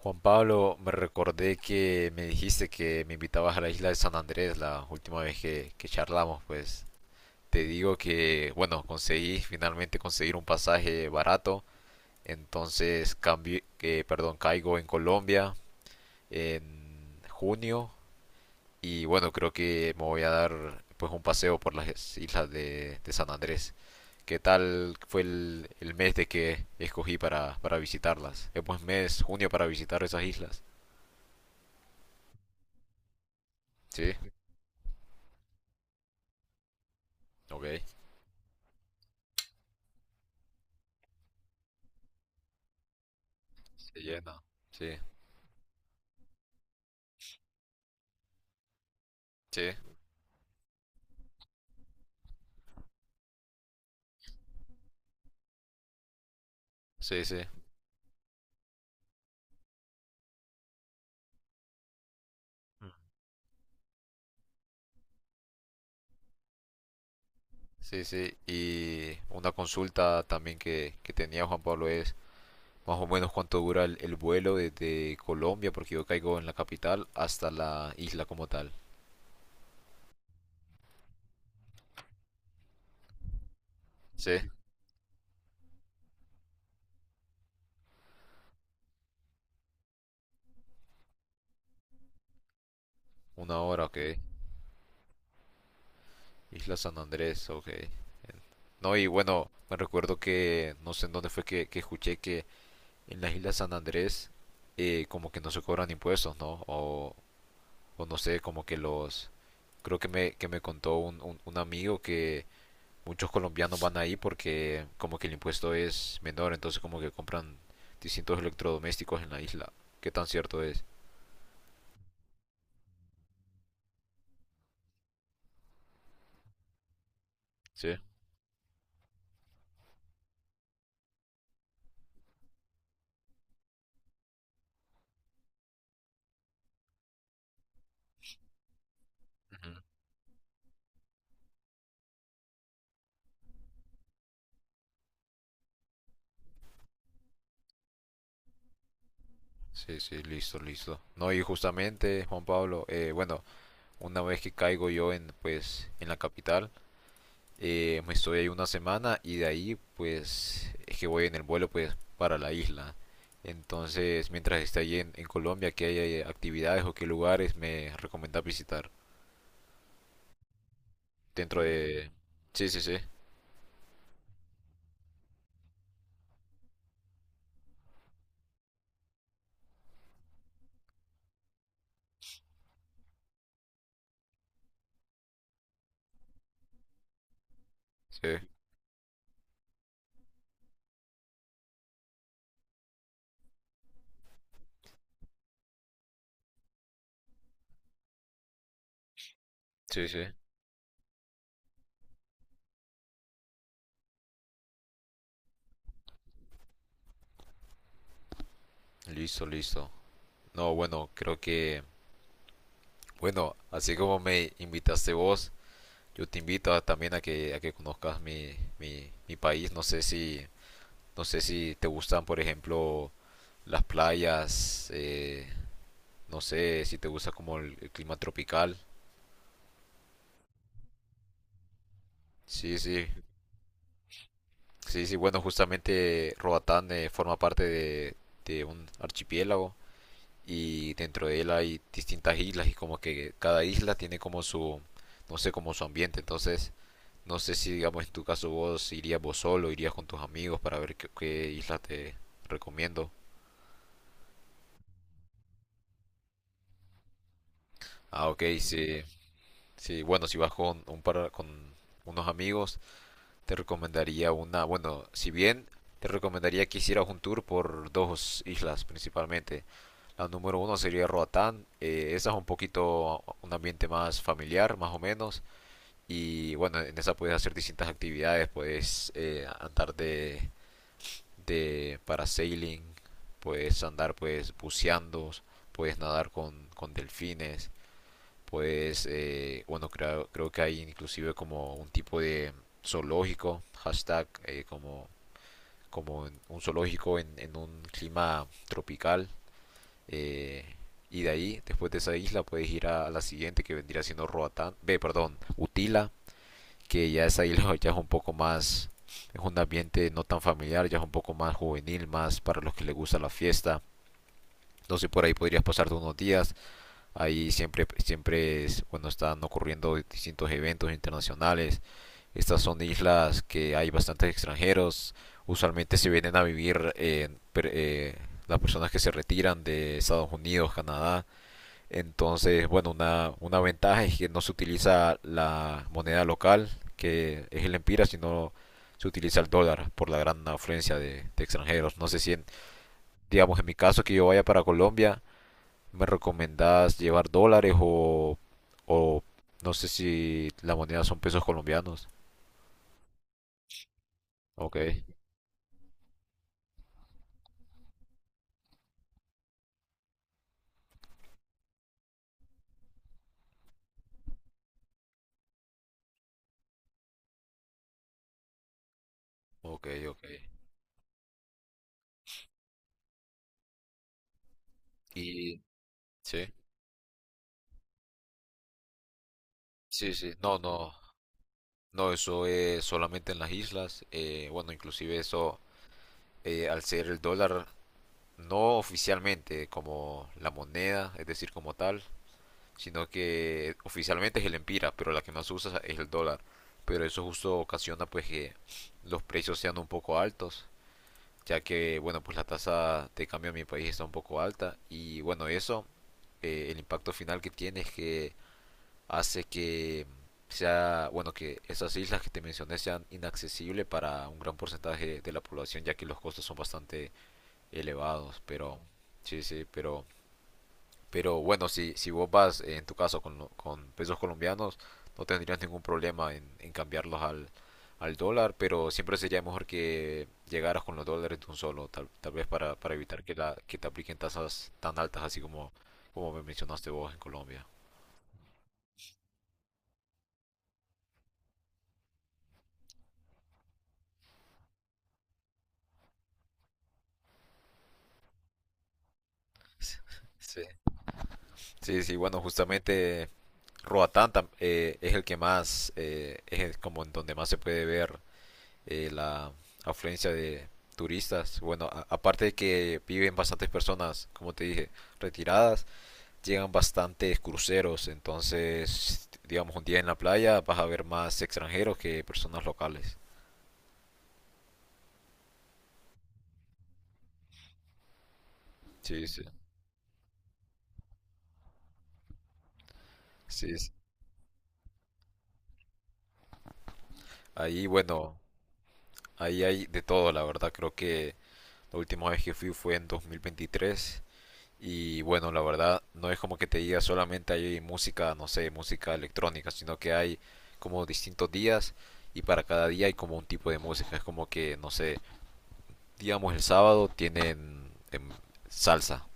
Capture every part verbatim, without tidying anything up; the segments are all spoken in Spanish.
Juan Pablo, me recordé que me dijiste que me invitabas a la isla de San Andrés la última vez que, que charlamos, pues te digo que, bueno, conseguí finalmente conseguir un pasaje barato, entonces cambié, que, perdón, caigo en Colombia en junio. Y bueno, creo que me voy a dar pues un paseo por las islas de, de San Andrés. ¿Qué tal fue el, el mes de que escogí para, para visitarlas? ¿Es buen mes, junio, para visitar esas islas? Sí, ok. Se llena. Sí, sí, sí, sí, sí, sí. Y una consulta también que, que tenía Juan Pablo es más o menos cuánto dura el, el vuelo desde Colombia, porque yo caigo en la capital, hasta la isla como tal. Sí, una hora, ok. Isla San Andrés, ok. No, y bueno, me recuerdo que no sé en dónde fue que, que escuché que en la isla San Andrés eh, como que no se cobran impuestos, ¿no? O, o no sé, como que los... Creo que me, que me contó un, un, un amigo que muchos colombianos van ahí porque como que el impuesto es menor, entonces como que compran distintos electrodomésticos en la isla. ¿Qué tan cierto es? Sí. Ujú. Sí, sí, listo, listo. No, y justamente, Juan Pablo, eh, bueno, una vez que caigo yo en, pues, en la capital, eh, me estoy ahí una semana y de ahí, pues, es que voy en el vuelo, pues, para la isla. Entonces, mientras esté allí en, en Colombia, ¿qué hay, eh, actividades o qué lugares me recomienda visitar dentro de... Sí, sí, sí. Sí, sí, sí. Listo, listo. No, bueno, creo que, bueno, así como me invitaste vos, yo te invito a- también a que, a que conozcas mi, mi, mi país. No sé si, no sé si te gustan, por ejemplo, las playas, eh, no sé si te gusta como el, el clima tropical. Sí, sí, sí, sí. Bueno, justamente Roatán eh, forma parte de, de un archipiélago. Y dentro de él hay distintas islas y como que cada isla tiene como su, no sé, como su ambiente. Entonces, no sé si digamos en tu caso vos irías vos solo, irías con tus amigos para ver qué, qué isla te recomiendo. Ah, ok, sí, sí, bueno, si vas con un par, con unos amigos, te recomendaría una, bueno, si bien te recomendaría que hicieras un tour por dos islas principalmente. La número uno sería Roatán, eh, esa es un poquito un ambiente más familiar, más o menos. Y bueno, en esa puedes hacer distintas actividades, puedes eh, andar de, de parasailing, puedes andar pues buceando, puedes nadar con, con delfines, puedes, eh, bueno, creo, creo que hay inclusive como un tipo de zoológico, hashtag, eh, como, como un zoológico en, en un clima tropical. eh, y de ahí, después de esa isla, puedes ir a, a la siguiente que vendría siendo Roatán, ve, perdón, Utila, que ya es ahí, ya es un poco más, es un ambiente no tan familiar, ya es un poco más juvenil, más para los que les gusta la fiesta. Entonces por ahí podrías pasarte unos días. Ahí siempre, siempre es, bueno, están ocurriendo distintos eventos internacionales. Estas son islas que hay bastantes extranjeros. Usualmente se vienen a vivir eh, per- eh, las personas que se retiran de Estados Unidos, Canadá. Entonces, bueno, una, una ventaja es que no se utiliza la moneda local, que es el empira, sino se utiliza el dólar por la gran afluencia de, de extranjeros. No sé si, en- digamos, en mi caso que yo vaya para Colombia, ¿me recomendás llevar dólares o, o no sé si la moneda son pesos colombianos? Ok, ok, ok. Y sí, sí, sí. No, no, no, eso es solamente en las islas. Eh, bueno, inclusive eso, eh, al ser el dólar no oficialmente como la moneda, es decir, como tal, sino que oficialmente es el empira, pero la que más usa es el dólar. Pero eso justo ocasiona pues que los precios sean un poco altos, ya que bueno, pues la tasa de cambio en mi país está un poco alta y bueno, eso eh, el impacto final que tiene es que hace que sea, bueno, que esas islas que te mencioné sean inaccesibles para un gran porcentaje de la población, ya que los costos son bastante elevados, pero sí, sí, pero, pero bueno, si, si vos vas eh, en tu caso con, lo- con pesos colombianos, no tendrías ningún problema en, en cambiarlos al, al dólar, pero siempre sería mejor que llegaras con los dólares de un solo, tal, tal vez para, para evitar que, la, que te apliquen tasas tan altas, así como, como me mencionaste vos en Colombia. Sí, sí, sí, bueno, justamente Roatán tam- eh, es el que más, eh, es el- como en donde más se puede ver eh, la afluencia de turistas. Bueno, a- aparte de que viven bastantes personas, como te dije, retiradas, llegan bastantes cruceros. Entonces, digamos, un día en la playa vas a ver más extranjeros que personas locales. Sí, sí, sí. Sí. Ahí, bueno, ahí hay de todo, la verdad. Creo que la última vez que fui fue en dos mil veintitrés. Y bueno, la verdad, no es como que te diga solamente hay música, no sé, música electrónica, sino que hay como distintos días y para cada día hay como un tipo de música. Es como que, no sé, digamos el sábado tienen em, salsa,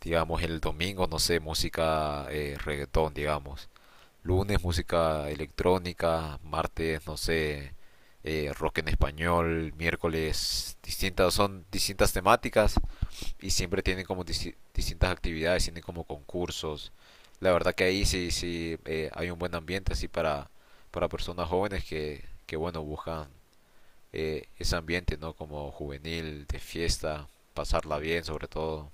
digamos el domingo, no sé, música eh, reggaetón, digamos. Lunes música electrónica, martes, no sé, eh, rock en español, miércoles, distintas, son distintas temáticas y siempre tienen como disti- distintas actividades, tienen como concursos. La verdad que ahí sí, sí eh, hay un buen ambiente así para, para personas jóvenes que, que bueno, buscan eh, ese ambiente, ¿no? Como juvenil, de fiesta, pasarla bien sobre todo.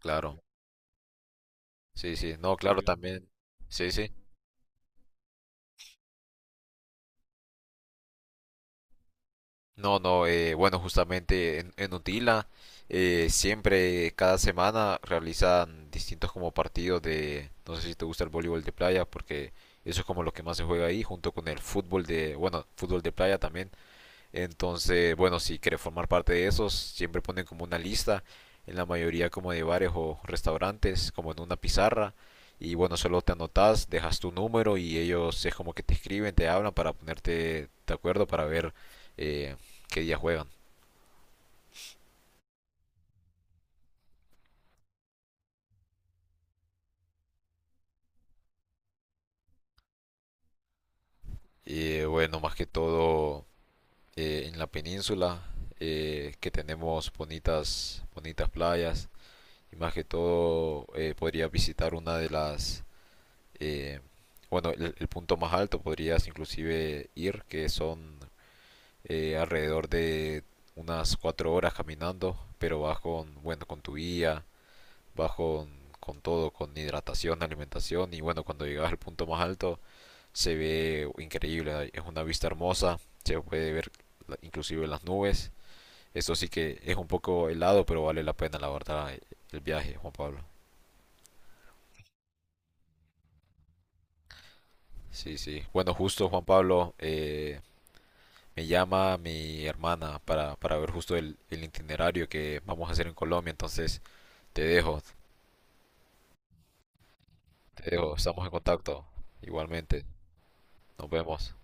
Claro, sí, sí, no, claro también, sí, sí. No, no, eh, bueno, justamente en, en Utila eh, siempre, cada semana realizan distintos como partidos de, no sé si te gusta el voleibol de playa, porque eso es como lo que más se juega ahí, junto con el fútbol de, bueno, fútbol de playa también. Entonces, bueno, si quieres formar parte de esos, siempre ponen como una lista, en la mayoría como de bares o restaurantes, como en una pizarra. Y bueno, solo te anotas, dejas tu número y ellos es como que te escriben, te hablan para ponerte de acuerdo para ver eh, qué día juegan. Y bueno, más que todo eh, en la península, eh, que tenemos bonitas, bonitas playas. Y más que todo eh, podría visitar una de las eh, bueno, el, el punto más alto podrías inclusive ir, que son eh, alrededor de unas cuatro horas caminando, pero vas con, bueno, con tu guía, vas con, con todo, con hidratación, alimentación y bueno, cuando llegas al punto más alto se ve increíble, es una vista hermosa, se puede ver la- inclusive las nubes. Eso sí que es un poco helado, pero vale la pena, la verdad, el viaje, Juan Pablo. Sí, sí. Bueno, justo Juan Pablo, eh, me llama mi hermana para, para ver justo el, el itinerario que vamos a hacer en Colombia. Entonces, te dejo, te dejo, estamos en contacto. Igualmente, nos vemos.